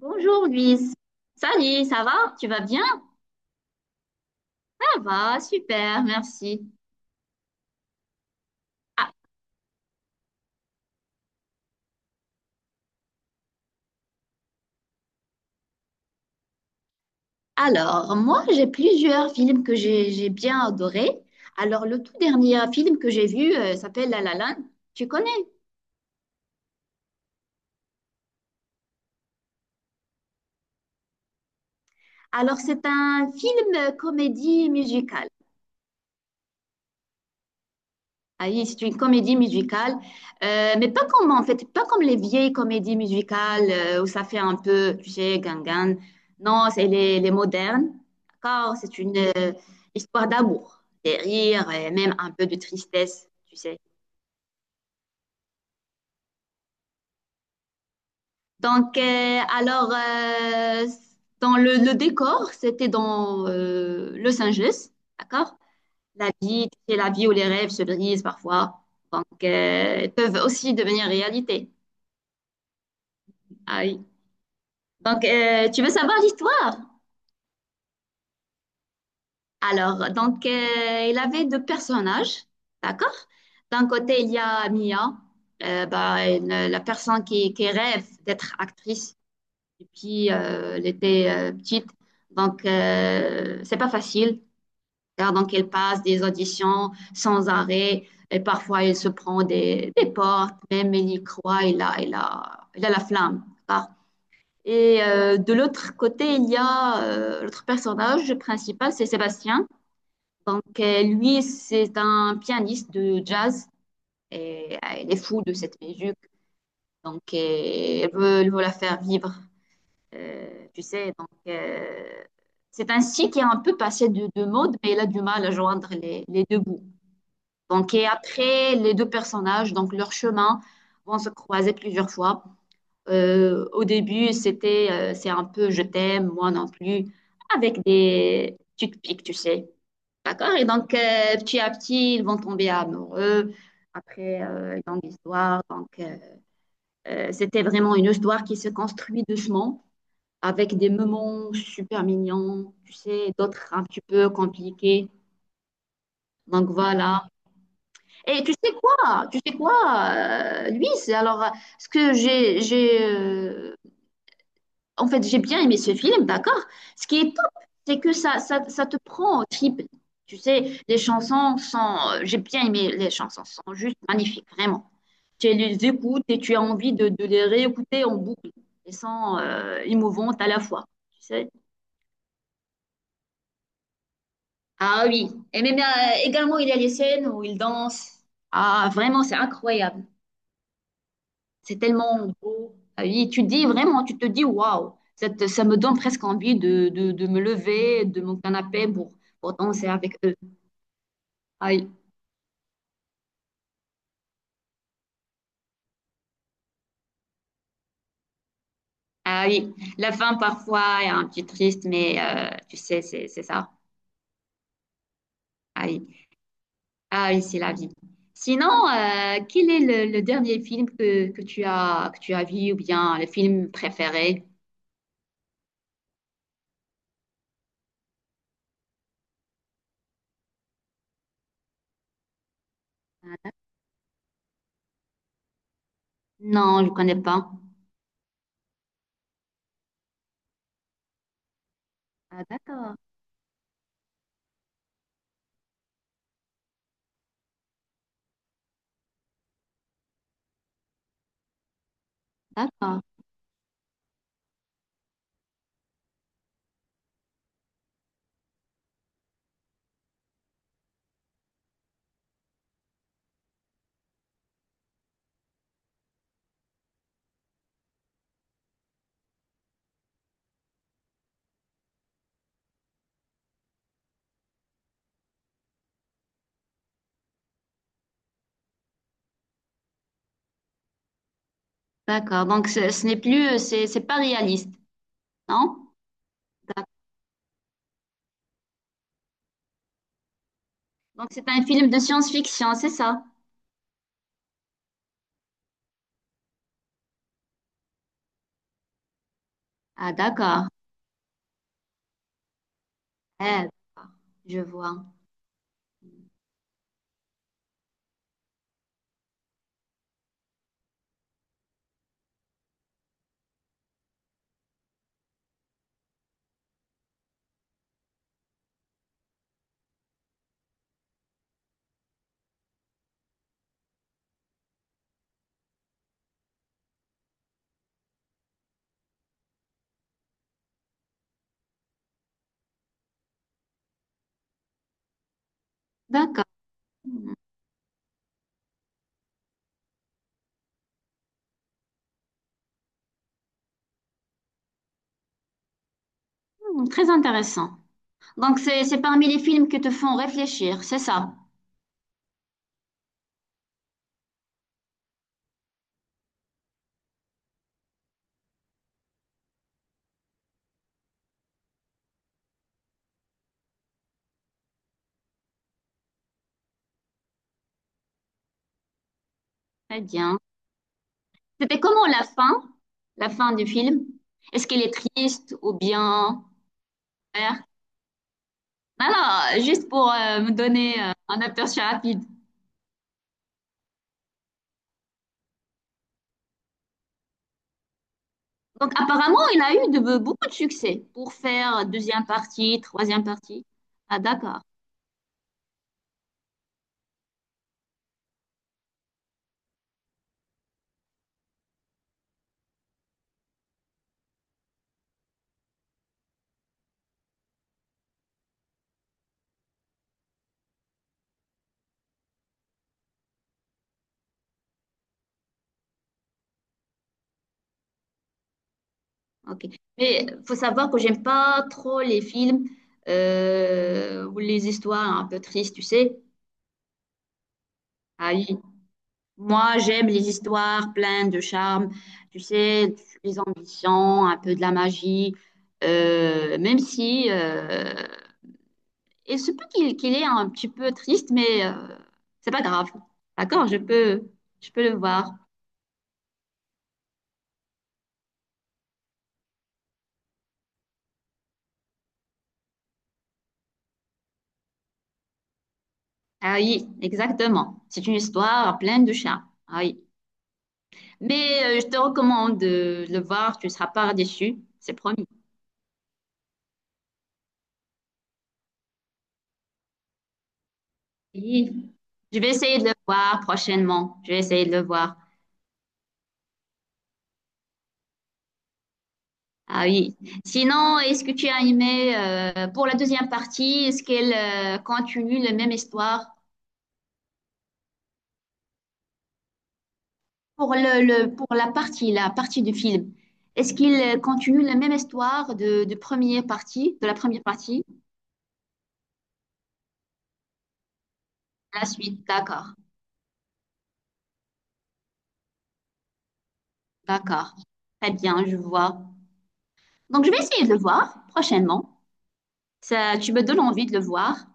Bonjour Luis. Salut, ça va? Tu vas bien? Ça va, super, merci. Ah, alors, moi, j'ai plusieurs films que j'ai bien adorés. Alors, le tout dernier film que j'ai vu s'appelle La La Land. Tu connais? Alors, c'est un film comédie musicale. Ah oui, c'est une comédie musicale, mais pas comme les vieilles comédies musicales où ça fait un peu, tu sais, gangan. Non, c'est les modernes, d'accord? C'est une histoire d'amour, des rires et même un peu de tristesse, tu sais. Donc, euh, alors, euh, Dans le décor, c'était dans Los Angeles, d'accord? La vie, tu sais, la vie où les rêves se brisent parfois, donc ils peuvent aussi devenir réalité. Ah oui. Tu veux savoir l'histoire? Il avait deux personnages, d'accord? D'un côté, il y a Mia, bah, la personne qui rêve d'être actrice depuis elle était petite. Donc, c'est pas facile, car donc elle passe des auditions sans arrêt et parfois elle se prend des portes, même elle y croit, elle a la flamme, d'accord. Et de l'autre côté, il y a l'autre personnage principal, c'est Sébastien. Donc, lui, c'est un pianiste de jazz et il est fou de cette musique. Donc, il veut la faire vivre, tu sais. Donc, c'est un style qui est un peu passé de mode, mais il a du mal à joindre les deux bouts. Donc, et après, les deux personnages, donc leur chemin, vont se croiser plusieurs fois. Au début, c'était c'est un peu je t'aime, moi non plus, avec des tu te piques, tu sais. D'accord? Et donc, petit à petit, ils vont tomber amoureux. Après, longue histoire. C'était vraiment une histoire qui se construit doucement, avec des moments super mignons, tu sais, d'autres un petit peu compliqués. Donc, voilà. Et tu sais quoi? Tu sais quoi, Luis? Alors, ce que j'ai, en fait, j'ai bien aimé ce film, d'accord? Ce qui est top, c'est que ça te prend au trip. Tu sais, J'ai bien aimé les chansons, sont juste magnifiques, vraiment. Tu les écoutes et tu as envie de les réécouter en boucle. Elles sont émouvantes à la fois, tu sais. Ah oui, et même également, il y a les scènes où il danse. Ah, vraiment, c'est incroyable. C'est tellement beau. Ah oui, tu dis vraiment, tu te dis waouh, ça me donne presque envie de me lever de mon canapé pour danser avec eux. Ah oui, ah oui. La fin parfois est un petit triste, mais tu sais, c'est ça. Ah oui, ah oui, c'est la vie. Sinon, quel est le dernier film que tu as vu ou bien le film préféré? Euh, Non, je ne connais pas. Ah, d'accord, d'accord, d'accord. Donc, ce n'est plus, c'est pas réaliste, non? Donc, c'est un film de science-fiction, c'est ça? Ah, d'accord. Eh, d'accord, je vois. D'accord. Hmm, très intéressant. Donc, c'est parmi les films qui te font réfléchir, c'est ça? Très bien. C'était comment la fin? La fin du film? Est-ce qu'elle est triste ou bien... Non, non, juste pour me donner un aperçu rapide. Donc, apparemment, il a eu de, beaucoup de succès pour faire deuxième partie, troisième partie. Ah, d'accord. Ok. Mais faut savoir que j'aime pas trop les films ou les histoires un peu tristes, tu sais. Ah oui. Moi, j'aime les histoires pleines de charme, tu sais, les ambitions, un peu de la magie. Même si il se peut qu'il est un petit peu triste, mais c'est pas grave. D'accord, je peux le voir. Ah oui, exactement. C'est une histoire pleine de charme. Ah oui. Mais je te recommande de le voir, tu ne seras pas déçu, c'est promis. Oui. Je vais essayer de le voir prochainement. Je vais essayer de le voir. Ah oui. Sinon, est-ce que tu as aimé pour la deuxième partie, est-ce qu'elle continue la même histoire pour pour la partie du film? Est-ce qu'il continue la même histoire de première partie, de la première partie? La suite, d'accord, d'accord. Très bien, je vois. Donc je vais essayer de le voir prochainement. Ça, tu me donnes envie de le voir.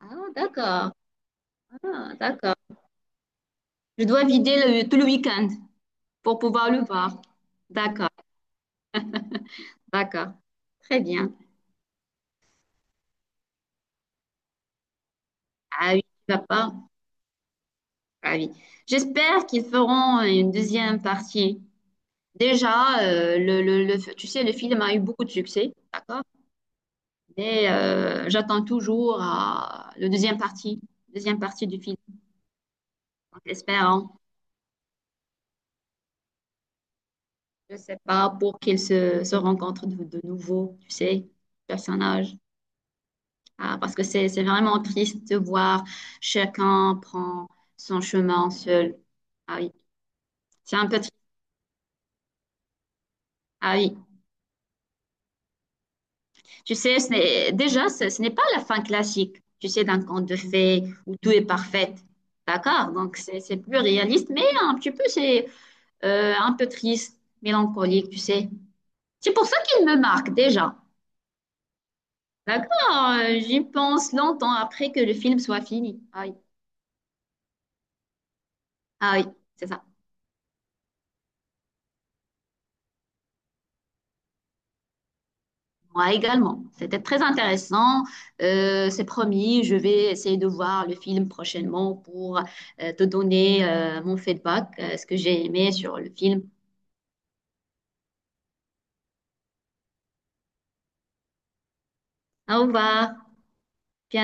Ah, d'accord. Ah, d'accord. Je dois vider tout le week-end pour pouvoir le voir. D'accord, d'accord. Très bien. Ah oui, tu vas pas. Ah oui. J'espère qu'ils feront une deuxième partie. Déjà, tu sais, le film a eu beaucoup de succès, d'accord? Mais j'attends toujours à le deuxième partie du film. En espérant, je sais pas, pour qu'ils se rencontrent de nouveau, tu sais, personnages. Ah, parce que c'est vraiment triste de voir chacun prend son chemin seul. Ah oui, c'est un peu triste. Ah oui, tu sais, ce n'est pas la fin classique, tu sais, d'un conte de fées où tout est parfait. D'accord? Donc, c'est plus réaliste, mais un petit peu, c'est un peu triste, mélancolique, tu sais. C'est pour ça qu'il me marque déjà. D'accord? J'y pense longtemps après que le film soit fini. Ah oui, ah oui, c'est ça. Moi également. C'était très intéressant. C'est promis, je vais essayer de voir le film prochainement pour te donner mon feedback, ce que j'ai aimé sur le film. Au revoir.